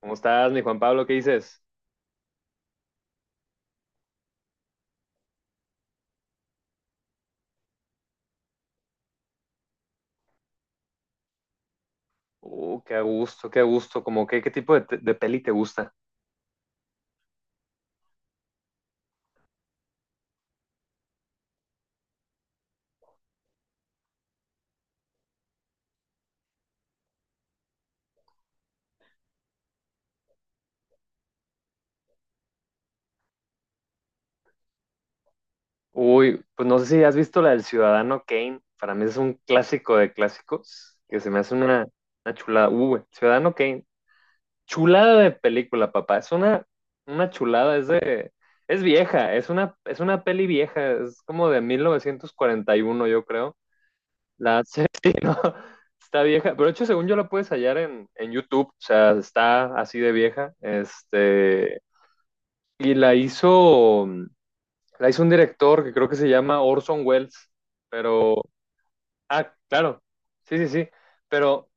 ¿Cómo estás, mi Juan Pablo? ¿Qué dices? Qué a gusto, qué a gusto. Como que, ¿qué tipo de, de peli te gusta? Uy, pues no sé si has visto la del Ciudadano Kane. Para mí es un clásico de clásicos, que se me hace una chulada. Uy, Ciudadano Kane. Chulada de película, papá. Es una chulada, es de... Es vieja, es una peli vieja, es como de 1941, yo creo. La serie, ¿no? Está vieja, pero de hecho, según yo la puedes hallar en YouTube, o sea, está así de vieja. Este, y la hizo un director que creo que se llama Orson Welles, pero, ah, claro, sí, sí, sí, pero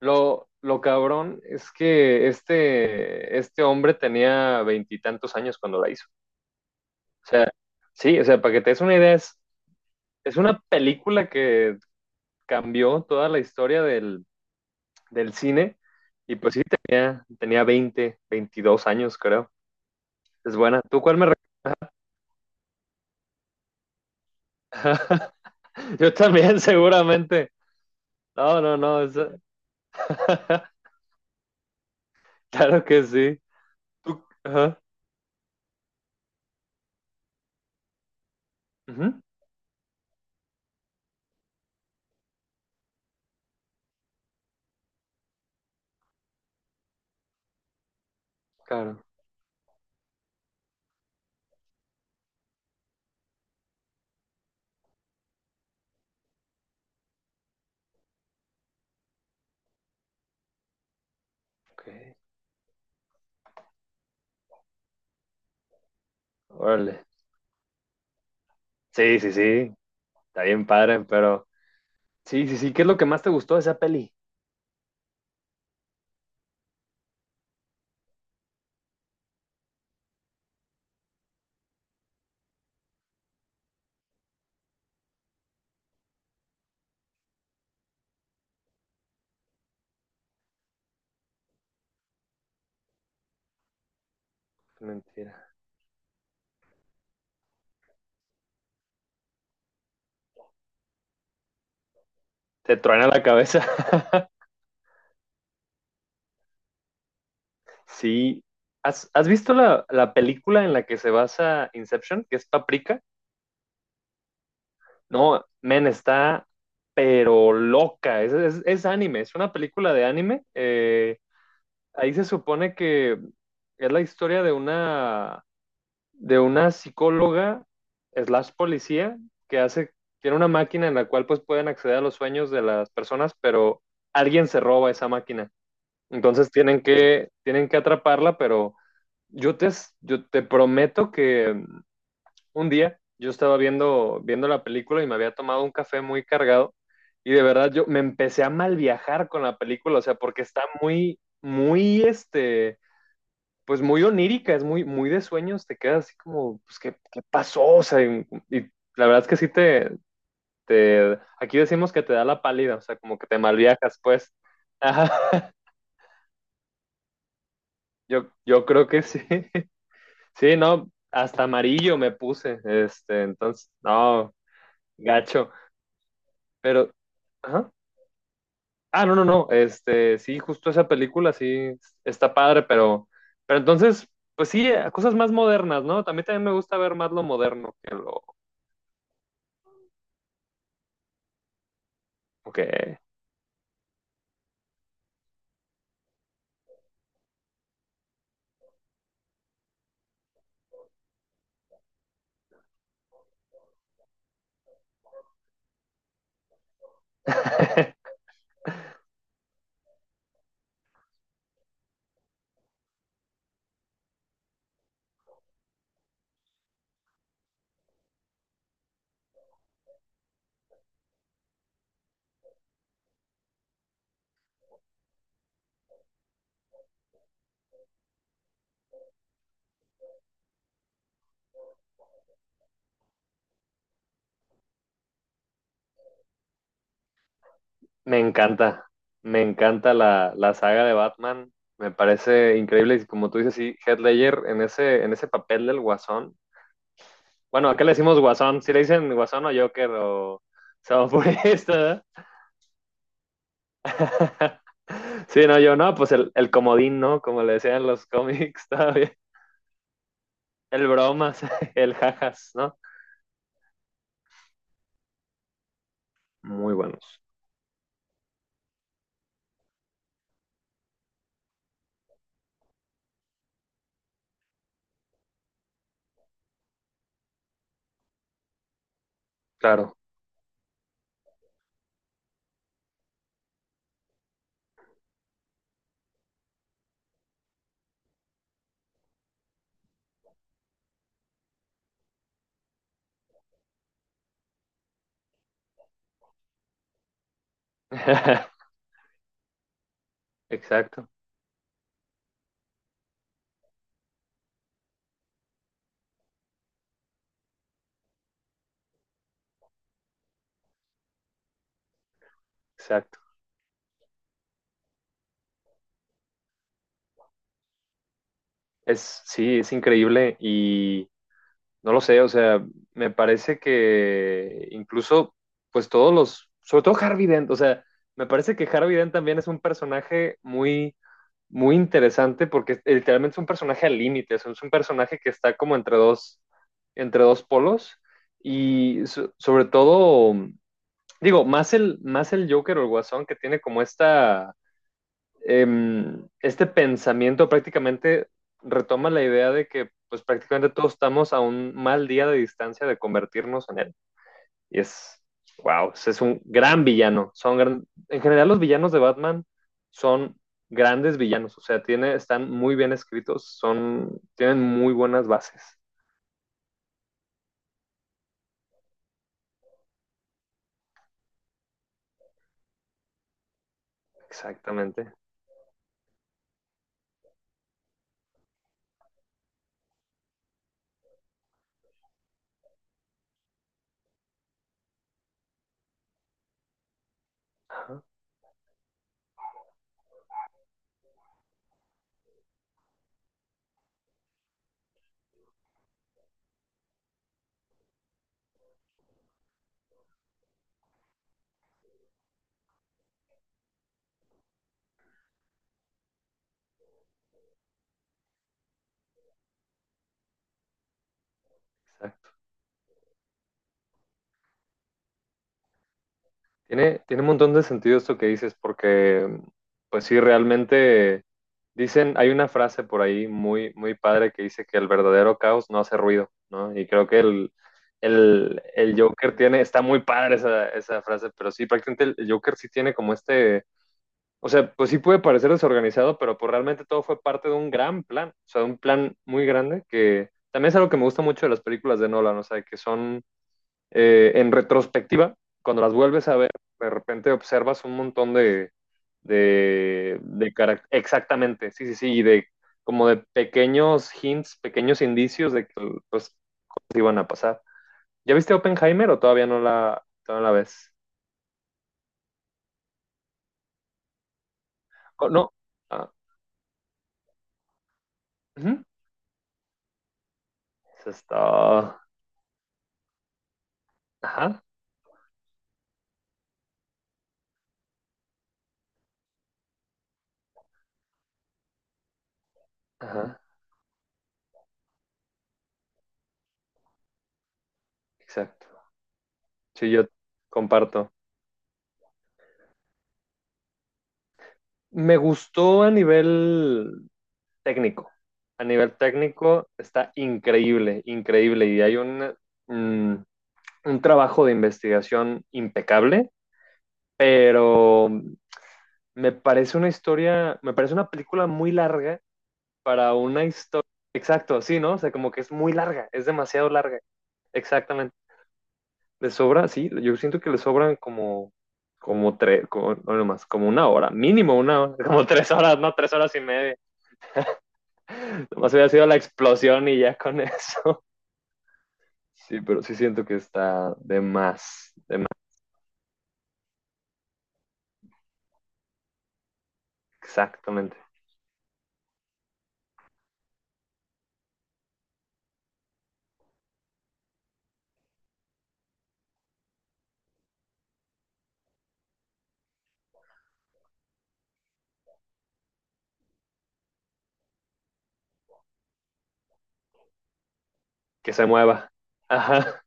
lo cabrón es que este hombre tenía veintitantos años cuando la hizo. O sea, sí, o sea, para que te des una idea, es una película que cambió toda la historia del cine. Y pues sí, tenía 20, 22 años, creo. Es buena. ¿Tú cuál me recomiendas? Yo también, seguramente. No, no, no. Claro que sí. ¿Tú? Ajá. Ujú. Claro. Ok. Órale. Sí, sí, sí. Está bien padre, pero... Sí, sí, sí. ¿Qué es lo que más te gustó de esa peli? Mentira. Te truena la cabeza. Sí. ¿Has, has visto la película en la que se basa Inception, que es Paprika? No, men, está pero loca. Es anime, es una película de anime. Ahí se supone que es la historia de de una psicóloga slash policía que tiene una máquina en la cual pues pueden acceder a los sueños de las personas, pero alguien se roba esa máquina. Entonces tienen que atraparla, pero yo te, yo te prometo que un día yo estaba viendo la película y me había tomado un café muy cargado y de verdad yo me empecé a mal viajar con la película, o sea, porque está muy, muy, pues muy onírica, es muy, muy de sueños, te quedas así como, pues, ¿qué, qué pasó? O sea, y la verdad es que aquí decimos que te da la pálida, o sea, como que te mal viajas, pues. Ajá, yo creo que sí. Sí, no, hasta amarillo me puse, este, entonces, no, gacho, pero, ajá. Ah, no, no, no. Este, sí, justo esa película sí está padre, pero entonces, pues sí, a cosas más modernas, ¿no? También me gusta ver más lo moderno que lo que me encanta. Me encanta la saga de Batman. Me parece increíble. Y como tú dices, sí, Heath Ledger en en ese papel del guasón. Bueno, acá le decimos guasón. Si le dicen guasón o Joker o esta Sí, no, yo no, pues el comodín, ¿no? Como le decían en los cómics, está bien. El bromas, el jajas, ¿no? Muy buenos, claro. Exacto, exacto. Sí, es increíble y no lo sé, o sea, me parece que incluso, pues todos los, sobre todo Harvey Dent, o sea, me parece que Harvey Dent también es un personaje muy, muy interesante porque literalmente es un personaje al límite, o sea, es un personaje que está como entre dos polos y sobre todo digo, más el Joker o el Guasón que tiene como esta, este pensamiento prácticamente retoma la idea de que pues prácticamente todos estamos a un mal día de distancia de convertirnos en él. Y es, wow, es un gran villano. En general los villanos de Batman son grandes villanos, o sea, tiene, están muy bien escritos, son, tienen muy buenas bases. Exactamente. Ajá, tiene, tiene un montón de sentido esto que dices, porque pues sí, realmente dicen, hay una frase por ahí muy, muy padre que dice que el verdadero caos no hace ruido, ¿no? Y creo que el Joker tiene, está muy padre esa frase, pero sí, prácticamente el Joker sí tiene como este, o sea, pues sí puede parecer desorganizado, pero pues realmente todo fue parte de un gran plan, o sea, de un plan muy grande que también es algo que me gusta mucho de las películas de Nolan, o sea, que son en retrospectiva, cuando las vuelves a ver, de repente observas un montón de, exactamente, sí, sí, sí, y de como de pequeños hints, pequeños indicios de que pues, cosas iban a pasar. ¿Ya viste Oppenheimer o todavía no todavía no la ves? Co- no. Ah, ujú. Eso está. Ajá, ajá, exacto. Sí, yo comparto. Me gustó a nivel técnico. A nivel técnico está increíble, increíble. Y hay un, mm, un trabajo de investigación impecable, pero me parece una historia, me parece una película muy larga para una historia. Exacto, sí, ¿no? O sea, como que es muy larga, es demasiado larga. Exactamente. Le sobra, sí, yo siento que le sobran como, como tres, como, no no más, como una hora, mínimo una hora, como tres horas, no, tres horas y media. Nomás hubiera sido la explosión y ya con eso. Sí, pero sí siento que está de más, de más. Exactamente. Que se mueva. Ajá,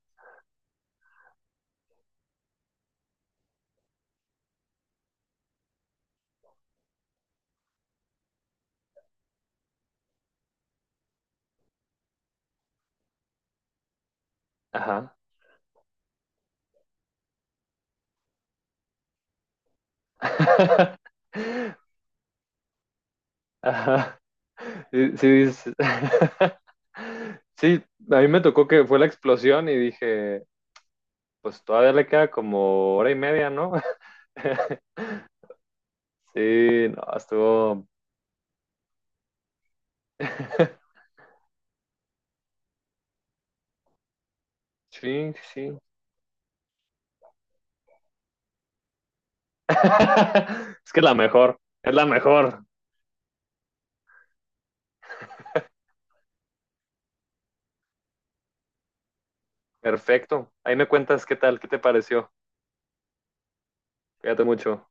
ajá. Ajá. Sí, sí, sí, a mí me tocó que fue la explosión y dije, pues todavía le queda como hora y media, ¿no? Sí, no, estuvo. Sí, sí. Es que es la mejor, es la mejor. Perfecto. Ahí me cuentas qué tal, qué te pareció. Cuídate mucho.